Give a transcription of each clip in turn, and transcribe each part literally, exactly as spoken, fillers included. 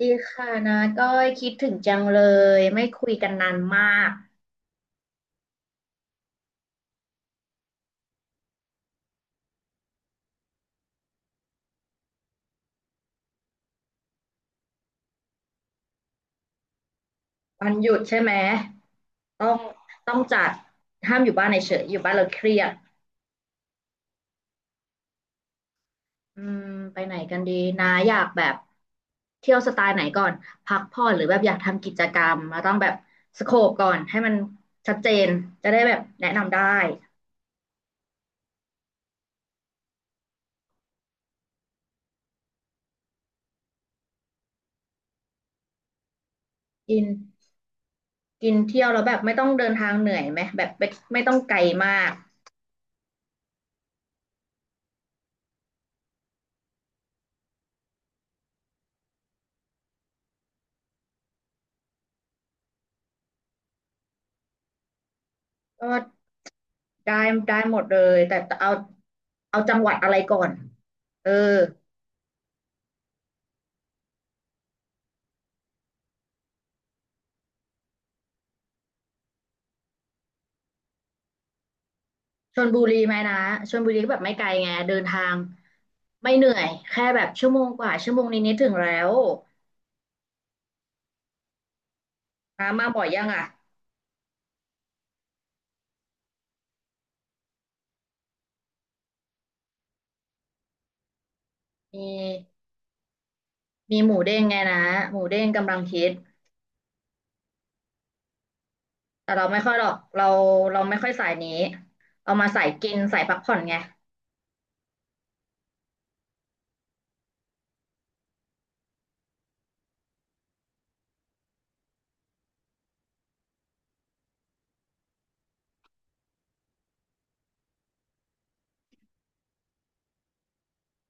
ดีค่ะนะก้อยคิดถึงจังเลยไม่คุยกันนานมากวันหยุดใช่ไหมต้องต้องจัดห้ามอยู่บ้านเฉยๆอยู่บ้านเราเครียดอืมไปไหนกันดีนะอยากแบบเที่ยวสไตล์ไหนก่อนพักผ่อนหรือแบบอยากทำกิจกรรมเราต้องแบบสโคปก่อนให้มันชัดเจนจะได้แบบแนะนำได้กินกินเที่ยวแล้วแบบไม่ต้องเดินทางเหนื่อยไหมแบบไม่ไม่ต้องไกลมากก็ ได้ได้หมดเลยแต่เอาเอาจังหวัดอะไรก่อนเออชลบุรีไหมนะชลบุรีก็แบบไม่ไกลไงเดินทางไม่เหนื่อยแค่แบบชั่วโมงกว่าชั่วโมงนิดๆถึงแล้วนามาบ่อยยังอ่ะมีมีหมูเด้งไงนะหมูเด้งกำลังฮิตแต่เราไม่ค่อยหรอกเราเราไม่ค่อยสายนี้เอามาสายกินสายพักผ่อนไง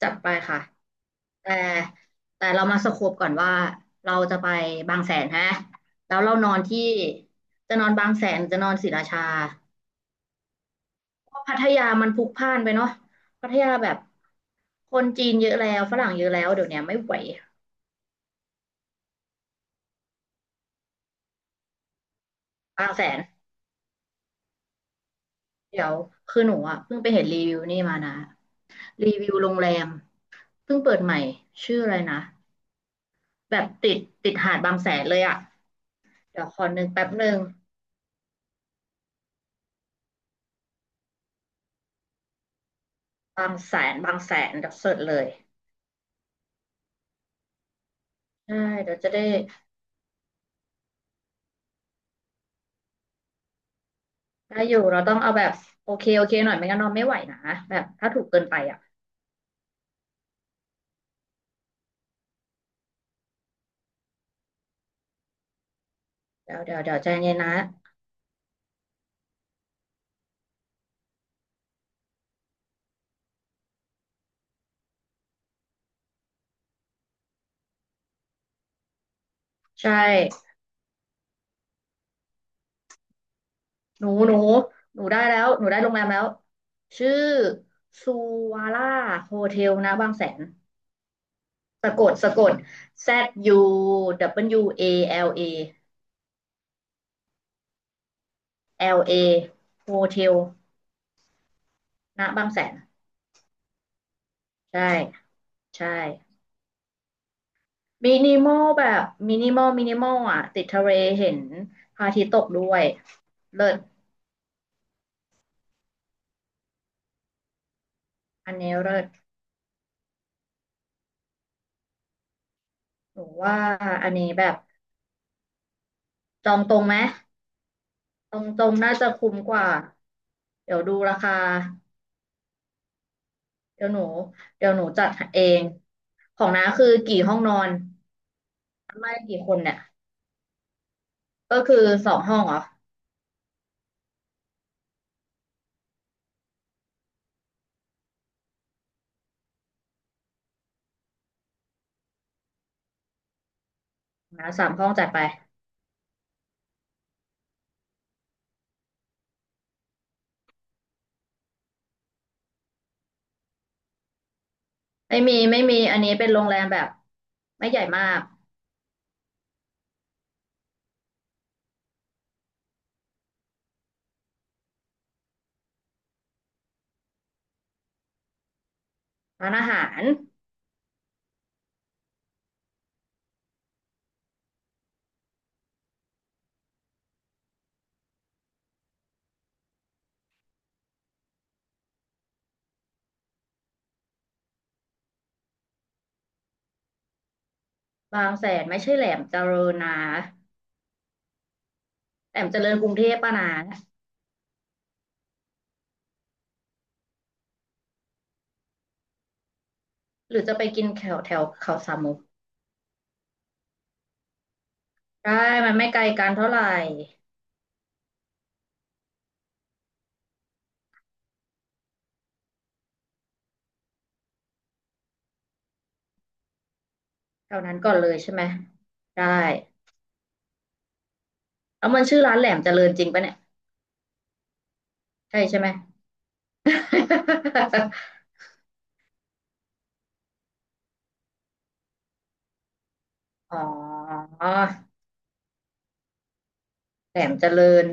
จัดไปค่ะ แต่แต่เรามาสโคปก่อนว่าเราจะไปบางแสนฮะแล้วเรานอนที่จะนอนบางแสนหรือจะนอนศรีราชาเพราะพัทยามันพลุกพล่านไปเนาะพัทยาแบบคนจีนเยอะแล้วฝรั่งเยอะแล้วเดี๋ยวเนี้ยไม่ไหวบางแสนเดี๋ยวคือหนูอ่ะเพิ่งไปเห็นรีวิวนี่มานะรีวิวโรงแรมเพิ่งเปิดใหม่ชื่ออะไรนะแบบติดติดหาดบางแสนเลยอ่ะเดี๋ยวขอนึกแป๊บหนึ่งบางแสนบางแสนเดี๋ยวเสิร์ชเลยใช่เดี๋ยวจะได้ ได้อยู่เราต้องเอาแบบโอเคโอเคหน่อยไม่งั้นนอนไม่ไหวนะแบบถ้าถูกเกินไปอ่ะเดี๋ยวเดี๋ยวเดี๋ยวใจเย็นนะใช่หนูหนูหนูได้แล้วหนูได้โรงแรมแล้วชื่อซูวาร่าโฮเทลนะบางแสนสะกดสะกด แซด ยู ดับเบิลยู เอ แอล เอ แอล เอ โฮเทลนะบางแสนใช่ใช่มินิมอลแบบมินิมอลมินิมอลอ่ะติดทะเลเห็นพระอาทิตย์ตกด้วยเลิศอันนี้เลิศ หนูว่าอันนี้แบบจองตรงไหมจองตรงน่าจะคุ้มกว่าเดี๋ยวดูราคาเดี๋ยวหนูเดี๋ยวหนูจัดเองของน้าคือกี่ห้องนอนไม่กี่คนเนี่ยก็คือสองห้องเหรอขอน้าสามห้องจัดไปไม่มีไม่มีอันนี้เป็นโรงแรมแบบไม่ใหญ่มากร้านอาหารบางแสนไม่ใช่แหลมเจริญนะแหลมเจริญกรุงเทพป่ะนะหรือจะไปกินแถวแถวเขาสามมุกได้มันไม่ไกลกันเท่าไหร่ แถวนั้นก่อนเลยใช่ไหมได้แล้วมันชื่อร้านแหลมเจริญจริงปะเนี่ยใช่ใช่ไหม อ๋อแหลมเจริญ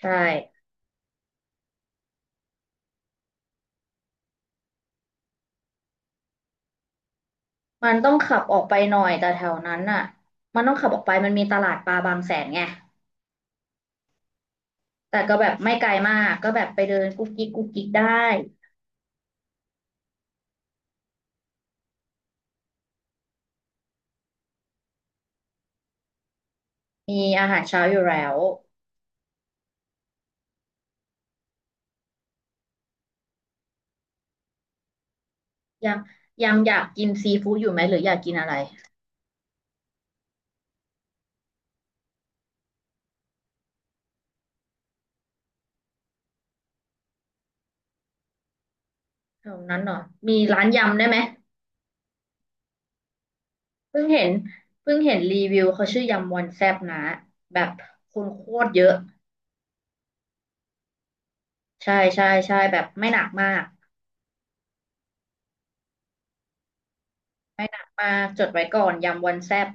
ใช่มันต้องขับออกไปหน่อยแต่แถวนั้นน่ะมันต้องขับออกไปมันมีตลาดปลาบางแสนไงแต่ก็แบบไม่ไกลมากก็แบบไปเดินกุ๊กกิ๊กกุ๊กกิ๊กได้มีอาหารเช้าอยู่แล้วยังยังอยากกินซีฟู้ดอยู่ไหมหรืออยากกินอะไรแถวนั้นหน่อยมีร้านยำได้ไหม เพิ่งเห็นเพิ่งเห็นรีวิวเขาชื่อยำวอนแซบนะแบบคนโคตรเยอะใช่ใช่ใช่แบบไม่หนักมากไม่หนักมากจดไว้ก่อนยำวอนแซบ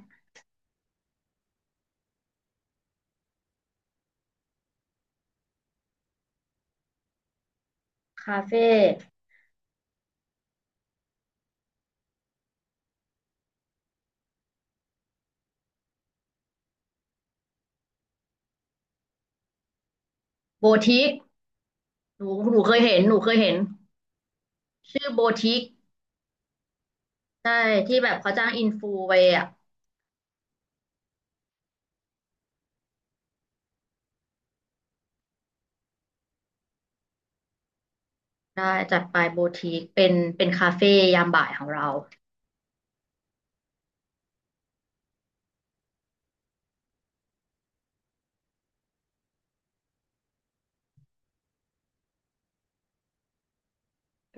คาเฟ่โบทิกหนูหนูเคยเห็นหนูเคยเห็นชื่อโบทิกใช่ที่แบบเขาจ้างอินฟูไปอ่ะได้จัดไปโบทิกเป็นเป็นคาเฟ่ยามบ่ายของเรา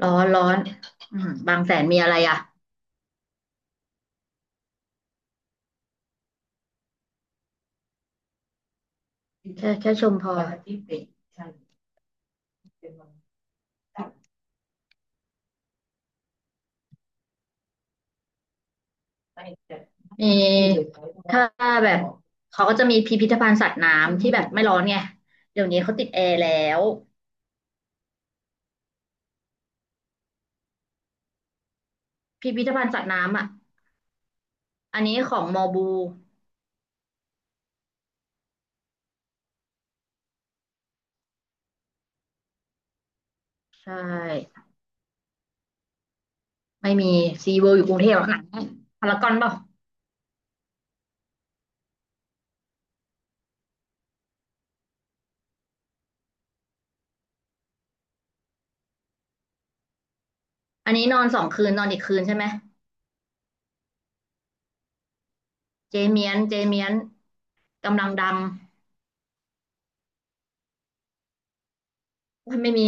ร้อนร้อนอืมบางแสนมีอะไรอ่ะแค่แค่ชมพอ มีถ้าแบบเขาก็จะมีพิพิธภัณฑ์สัตว์น้ำที่แบบไม่ร้อนไงเดี๋ยวนี้เขาติดแอร์แล้วพิพิธภัณฑ์สัตว์น้ำอ่ะอันนี้ของมอบูใช่ไม่มีซีเวิลอยู่กรุงเทพหรอกหนังพารากอนเปล่าอันนี้นอนสองคืนนอนอีกคืนใช่ไหมเจเมียนเจเมียนกำลังดังไม่มี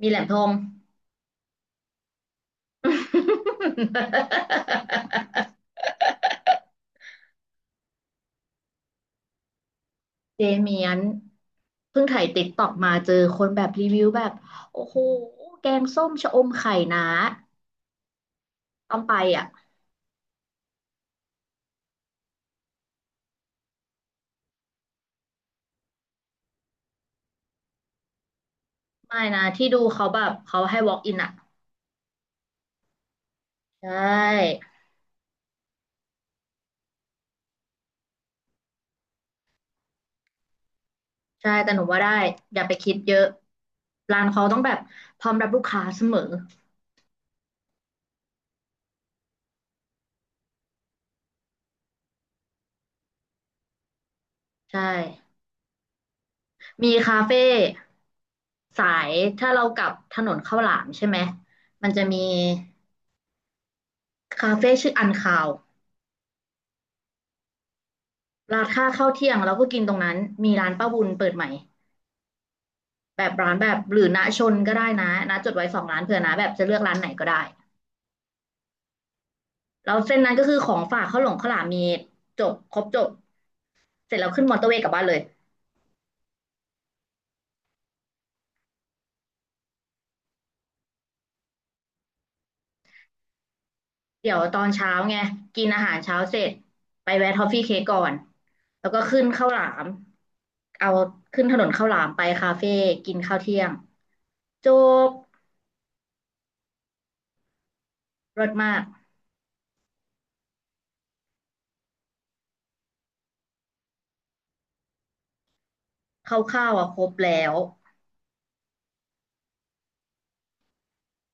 มีแหลมทอง เจเมียนเพิ่งถ่ายติ๊กตอกมาเจอคนแบบรีวิวแบบโอ้โหแกงส้มชะอมไข่นะต้องไปอ่ะไม่นะที่ดูเขาแบบเขาให้ walk in อ่ะใช่ใช่แต่หนูว่าได้อย่าไปคิดเยอะร้านเขาต้องแบบพร้อมรับลูกค้าเสมอใช่มีคาเฟ่สายถ้าเรากลับถนนข้าวหลามใช่ไหมมันจะมีคาเฟ่ชื่ออันคาวราคาข้าวเที่ยงเราก็กินตรงนั้นมีร้านป้าบุญเปิดใหม่ แบบร้านแบบหรือณชนก็ได้นะนะจดไว้สองร้านเผื่อนะแบบจะเลือกร้านไหนก็ได้แล้วเส้นนั้นก็คือของฝากข้าวหลงข้าวหลามมีจบครบจบเสร็จแล้วขึ้นมอเตอร์เวย์กลับบ้านเลยเดี๋ยวตอนเช้าไงกินอาหารเช้าเสร็จไปแวะทอฟฟี่เค้กก่อนแล้วก็ขึ้นข้าวหลามเอาขึ้นถนนข้าวหลามไปคาเฟ่กินข้าวเที่ยงจบรสมากข้าวๆอ่ะครบแล้ว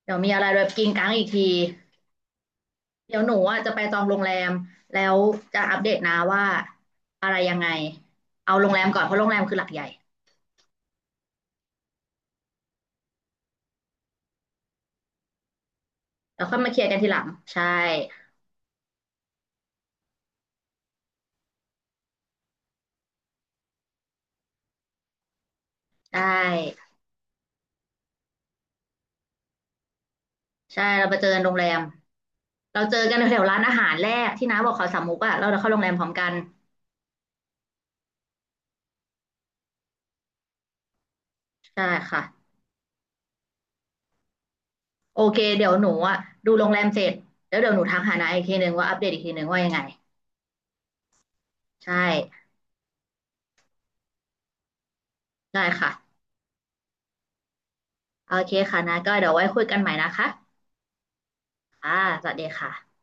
เดี๋ยวมีอะไรแบบกินกลางอีกที เดี๋ยวหนูอ่ะจะไปจองโรงแรมแล้วจะอัปเดตนะว่าอะไรยังไงเอาโรงแรมก่อนเพราะโรงแรมคือหลักใหญ่แล้วค่อยมาเคลียร์กันทีหลังใช่ใช่ใช่เราไปเจอกันโรงแรมเราเจอกันแถวร้านอาหารแรกที่น้าบอกเขาสามมุกอ่ะแล้วเราเดเข้าโรงแรมพร้อมกันใช่ค่ะโอเคเดี๋ยวหนูอ่ะดูโรงแรมเสร็จแล้วเดี๋ยวหนูทักหาน้าอีกทีหนึ่งว่าอัปเดตอีกทีหนึ่งว่ายังไงใช่ได้ค่ะโอเคค่ะนะก็เดี๋ยวไว้คุยกันใหม่นะคะค่ะสวัสดีค่ะ